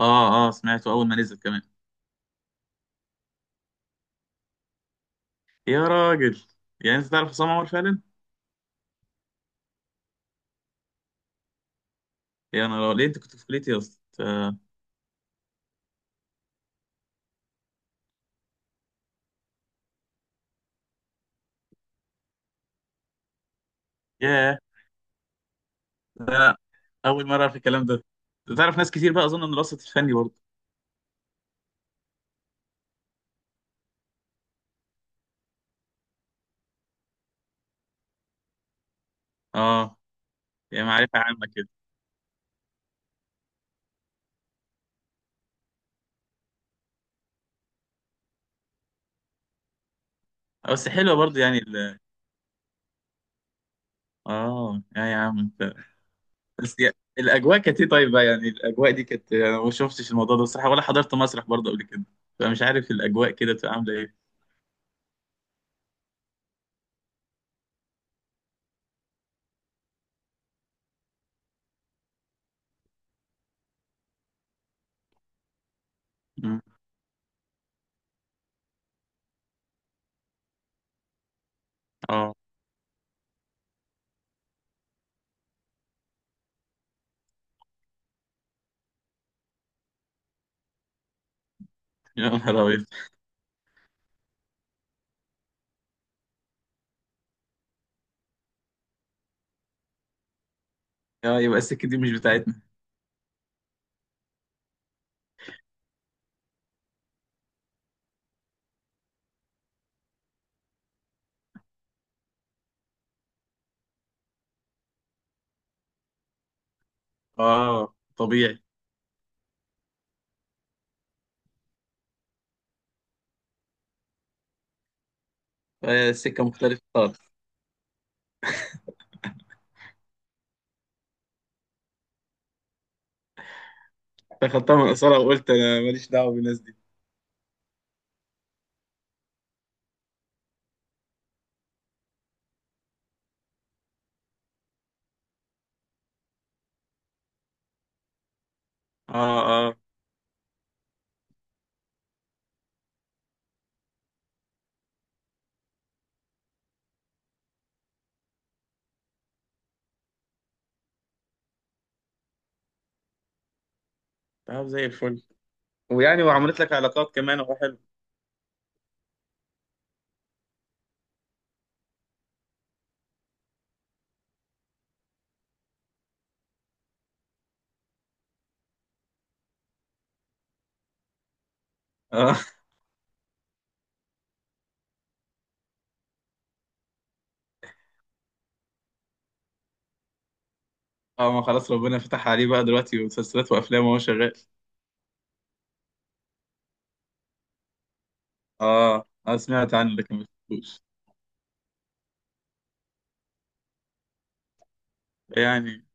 اه، اه، سمعته اول ما نزل كمان. يا راجل. يعني انت تعرف عصام عمر فعلا؟ يا، انا ليه، انت كنت في كليتي يا اسطى؟ آه. ياه! لا، لا، اول مره اعرف الكلام ده. تعرف ناس كتير بقى اظن من الوسط الفني برضه؟ اه، يعني معرفه عامه كده. بس حلوه برضه يعني اه، يا عم انت. بس الاجواء كانت ايه طيب بقى؟ يعني الاجواء دي كانت، انا ما شفتش الموضوع ده بصراحه ولا حضرت مسرح برضه قبل كده، فمش عارف الاجواء كده بتبقى عامله ايه. مم. اه، يا نهار ابيض. اه، يبقى السكه دي مش بتاعتنا. اه، طبيعي. آه، سكة مختلفة خالص. دخلتها من قصيرها وقلت انا ماليش دعوه بالناس دي. اه، اه. طب زي الفل. ويعني وعملت لك علاقات كمان، اهو حلو. اه، اه، ما خلاص، ربنا فتح عليه بقى دلوقتي مسلسلات وافلام وهو شغال. اه، انا سمعت عنه لكن ما شفتوش. يعني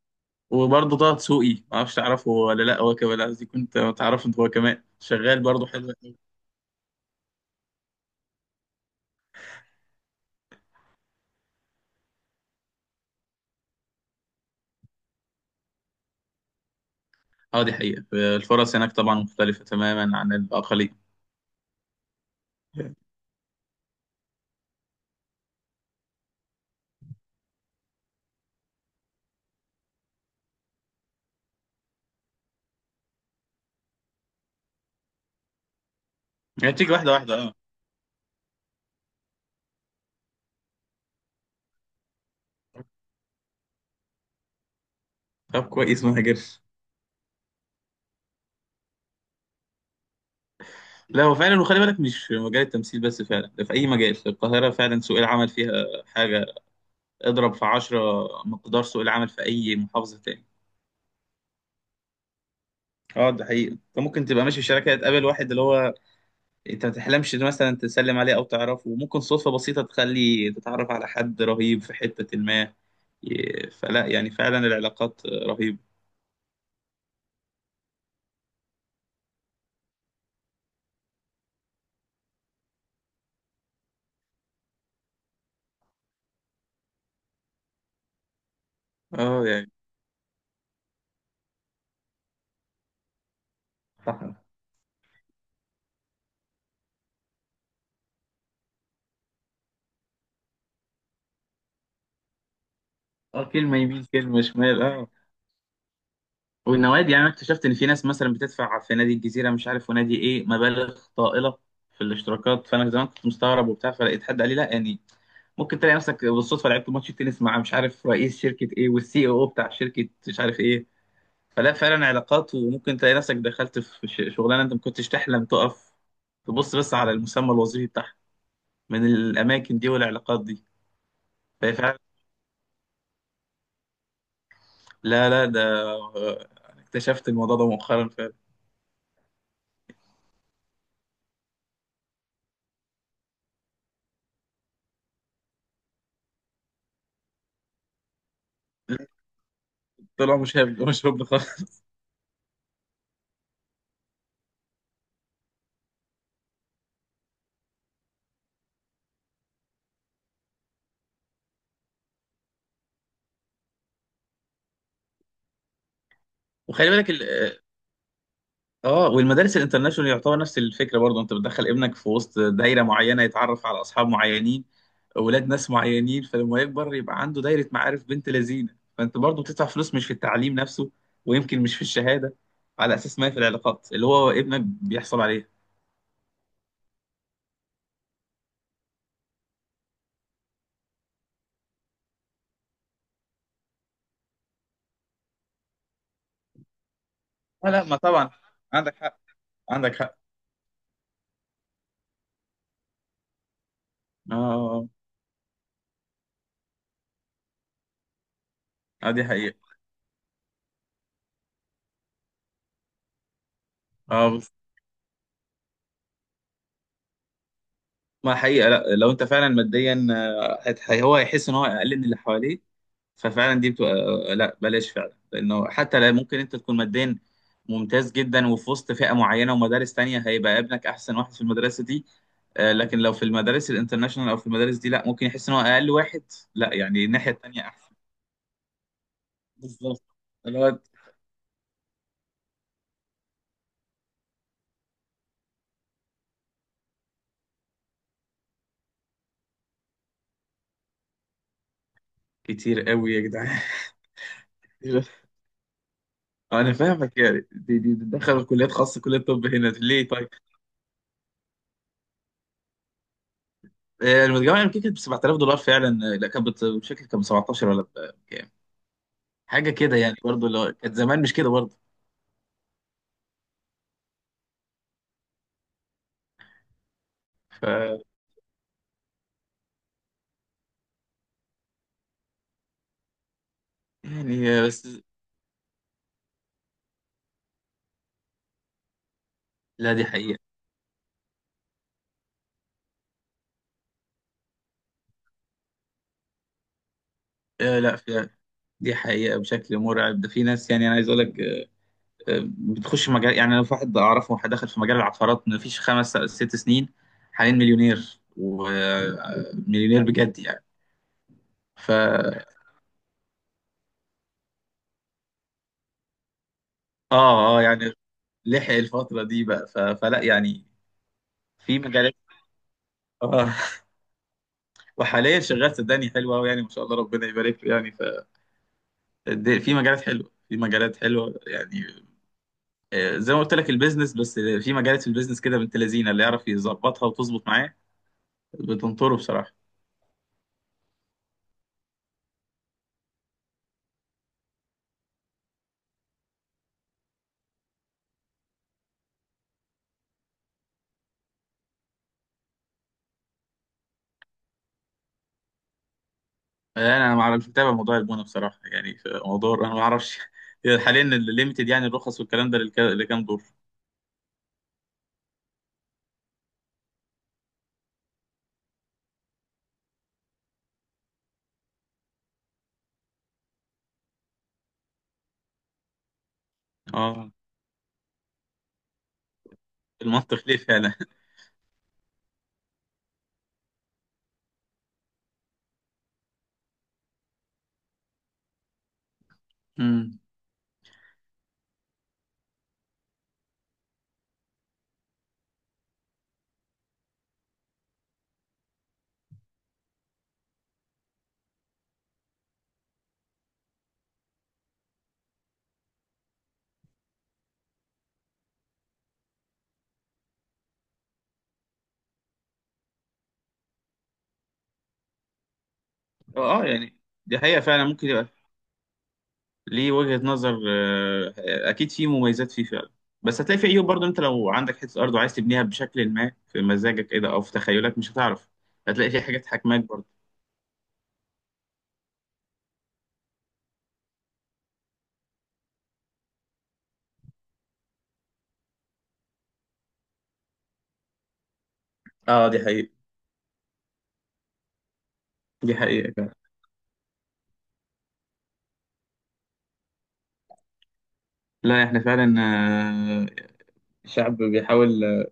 وبرضه طه دسوقي ما اعرفش تعرفه ولا لا، هو كمان، قصدي كنت تعرفه انت، هو كمان شغال برضه حلو أوي. اه، دي حقيقة، الفرص هناك طبعا مختلفة تماما عن الأقاليم. يعني بتيجي واحدة واحدة، اه. طب كويس ما هاجرش. لا هو فعلا، وخلي بالك مش في مجال التمثيل بس، فعلا ده في أي مجال في القاهرة فعلا سوق العمل فيها حاجة. اضرب في 10 مقدار سوق العمل في أي محافظة تاني. اه، ده حقيقي، انت ممكن تبقى ماشي في شركه تقابل واحد اللي هو انت ما تحلمش إن مثلا تسلم عليه او تعرفه، وممكن صدفه بسيطه تخلي تتعرف على حد رهيب في حته ما. فلا، يعني فعلا العلاقات رهيبه. اه، يعني صح. اه، كلمه يمين كلمه شمال، اه. والنوادي، يعني انا اكتشفت ان في ناس مثلا بتدفع في نادي الجزيره مش عارف ونادي ايه مبالغ طائله في الاشتراكات، فانا زمان كنت مستغرب وبتاع، فلقيت حد قال لي لا، يعني ممكن تلاقي نفسك بالصدفه لعبت ماتش تنس مع مش عارف رئيس شركه ايه، والسي او بتاع شركه مش عارف ايه. فلا فعلا علاقات، وممكن تلاقي نفسك دخلت في شغلانه انت ما كنتش تحلم تقف تبص بس على المسمى الوظيفي بتاعها، من الاماكن دي والعلاقات دي. فهي فعلا، لا، لا، ده آه، اكتشفت الموضوع ده مؤخرا فعلا. طلع مش هبل مش هبل خالص. وخلي بالك، اه، والمدارس الانترناشونال يعتبر نفس الفكره برضه، انت بتدخل ابنك في وسط دايره معينه، يتعرف على اصحاب معينين، اولاد ناس معينين، فلما يكبر يبقى عنده دايره معارف بنت لذينه. فانت برضه بتدفع فلوس مش في التعليم نفسه، ويمكن مش في الشهاده، على اساس ما هي في العلاقات اللي هو ابنك بيحصل عليها. لا، لا، ما طبعا، عندك حق، عندك حق. اه، آه، آه، دي حقيقه. اه، بس ما حقيقه، لا لو انت فعلا ماديا هو هيحس ان هو اقل من اللي حواليه، ففعلا دي بتبقى، لا بلاش فعلا، لانه حتى لا، ممكن انت تكون ماديا ممتاز جدا وفي وسط فئه معينه ومدارس تانية هيبقى ابنك احسن واحد في المدرسه دي. آه، لكن لو في المدارس الانترناشونال او في المدارس دي لا، ممكن يحس ان هو اقل واحد. لا، يعني الناحيه التانية احسن. بالظبط، اللي هو كتير قوي يا جدعان. انا فاهمك، يعني دي دخل كليات خاصه، كليه طب هنا ليه طيب. آه، المتجمع يمكن كانت ب $7000 فعلا. آه، لا كانت مش فاكر كان ب 17 ولا بكام، حاجه كده يعني، برضه لو كانت زمان مش كده برضه. ف يعني، آه، بس لا دي حقيقة. آه، لا في، دي حقيقة بشكل مرعب، ده في ناس يعني أنا عايز أقول لك، آه، بتخش مجال، يعني أنا في واحد أعرفه، واحد دخل في مجال العقارات ما فيش 5 6 سنين، حاليا مليونير ومليونير بجد يعني. ف آه، آه، يعني لحق الفترة دي بقى فلا، يعني في مجالات. آه. وحاليا شغال صدقني حلو أوي يعني، ما شاء الله ربنا يبارك له يعني. في مجالات حلوة في مجالات حلوة يعني. آه، زي ما قلت لك البيزنس، بس في مجالات في البيزنس كده بنت لذينه، اللي يعرف يظبطها وتظبط معاه بتنطره بصراحه. آه، انا ما اعرفش متابع موضوع البونه بصراحه، يعني في موضوع انا ما اعرفش. حاليا الليميتد يعني الرخص والكلام ده لكام دور. اه، المنطق ليه فعلا. امم، اه، آه، يعني دي حقيقه فعلا ممكن يبقى ليه وجهه نظر، آه، اكيد في مميزات فيه فعلا. بس هتلاقي في عيوب برضه، انت لو عندك حته ارض وعايز تبنيها بشكل ما في مزاجك كده او في تخيلك مش هتعرف، هتلاقي في حاجات حاكماك برضه. اه، دي حقيقة. دي حقيقة فعلا. لا احنا فعلا الشعب بيحاول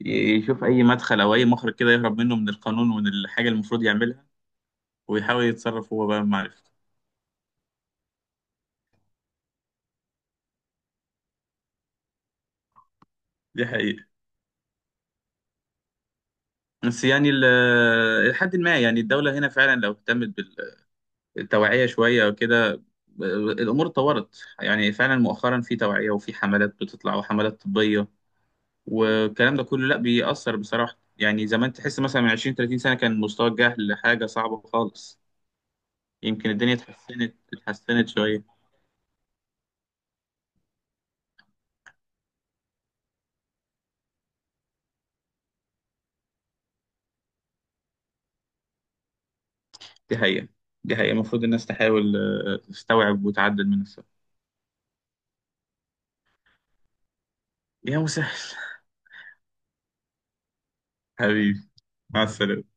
ي- يشوف أي مدخل أو أي مخرج كده يهرب منه من القانون ومن الحاجة اللي المفروض يعملها، ويحاول يتصرف هو بقى بمعرفته. دي حقيقة، بس يعني لحد ما يعني الدولة هنا فعلا لو اهتمت بالتوعية شوية أو كده، الأمور اتطورت يعني فعلا مؤخرا، في توعية وفي حملات بتطلع وحملات طبية والكلام ده كله، لا بيأثر بصراحة. يعني زمان تحس مثلا من 20 30 سنة كان مستوى الجهل حاجة صعبة خالص. يمكن الدنيا اتحسنت اتحسنت شوية. دي حقيقة، دي حقيقة المفروض الناس تحاول تستوعب وتعدل من نفسها. يا مسهل. حبيبي. مع السلامة.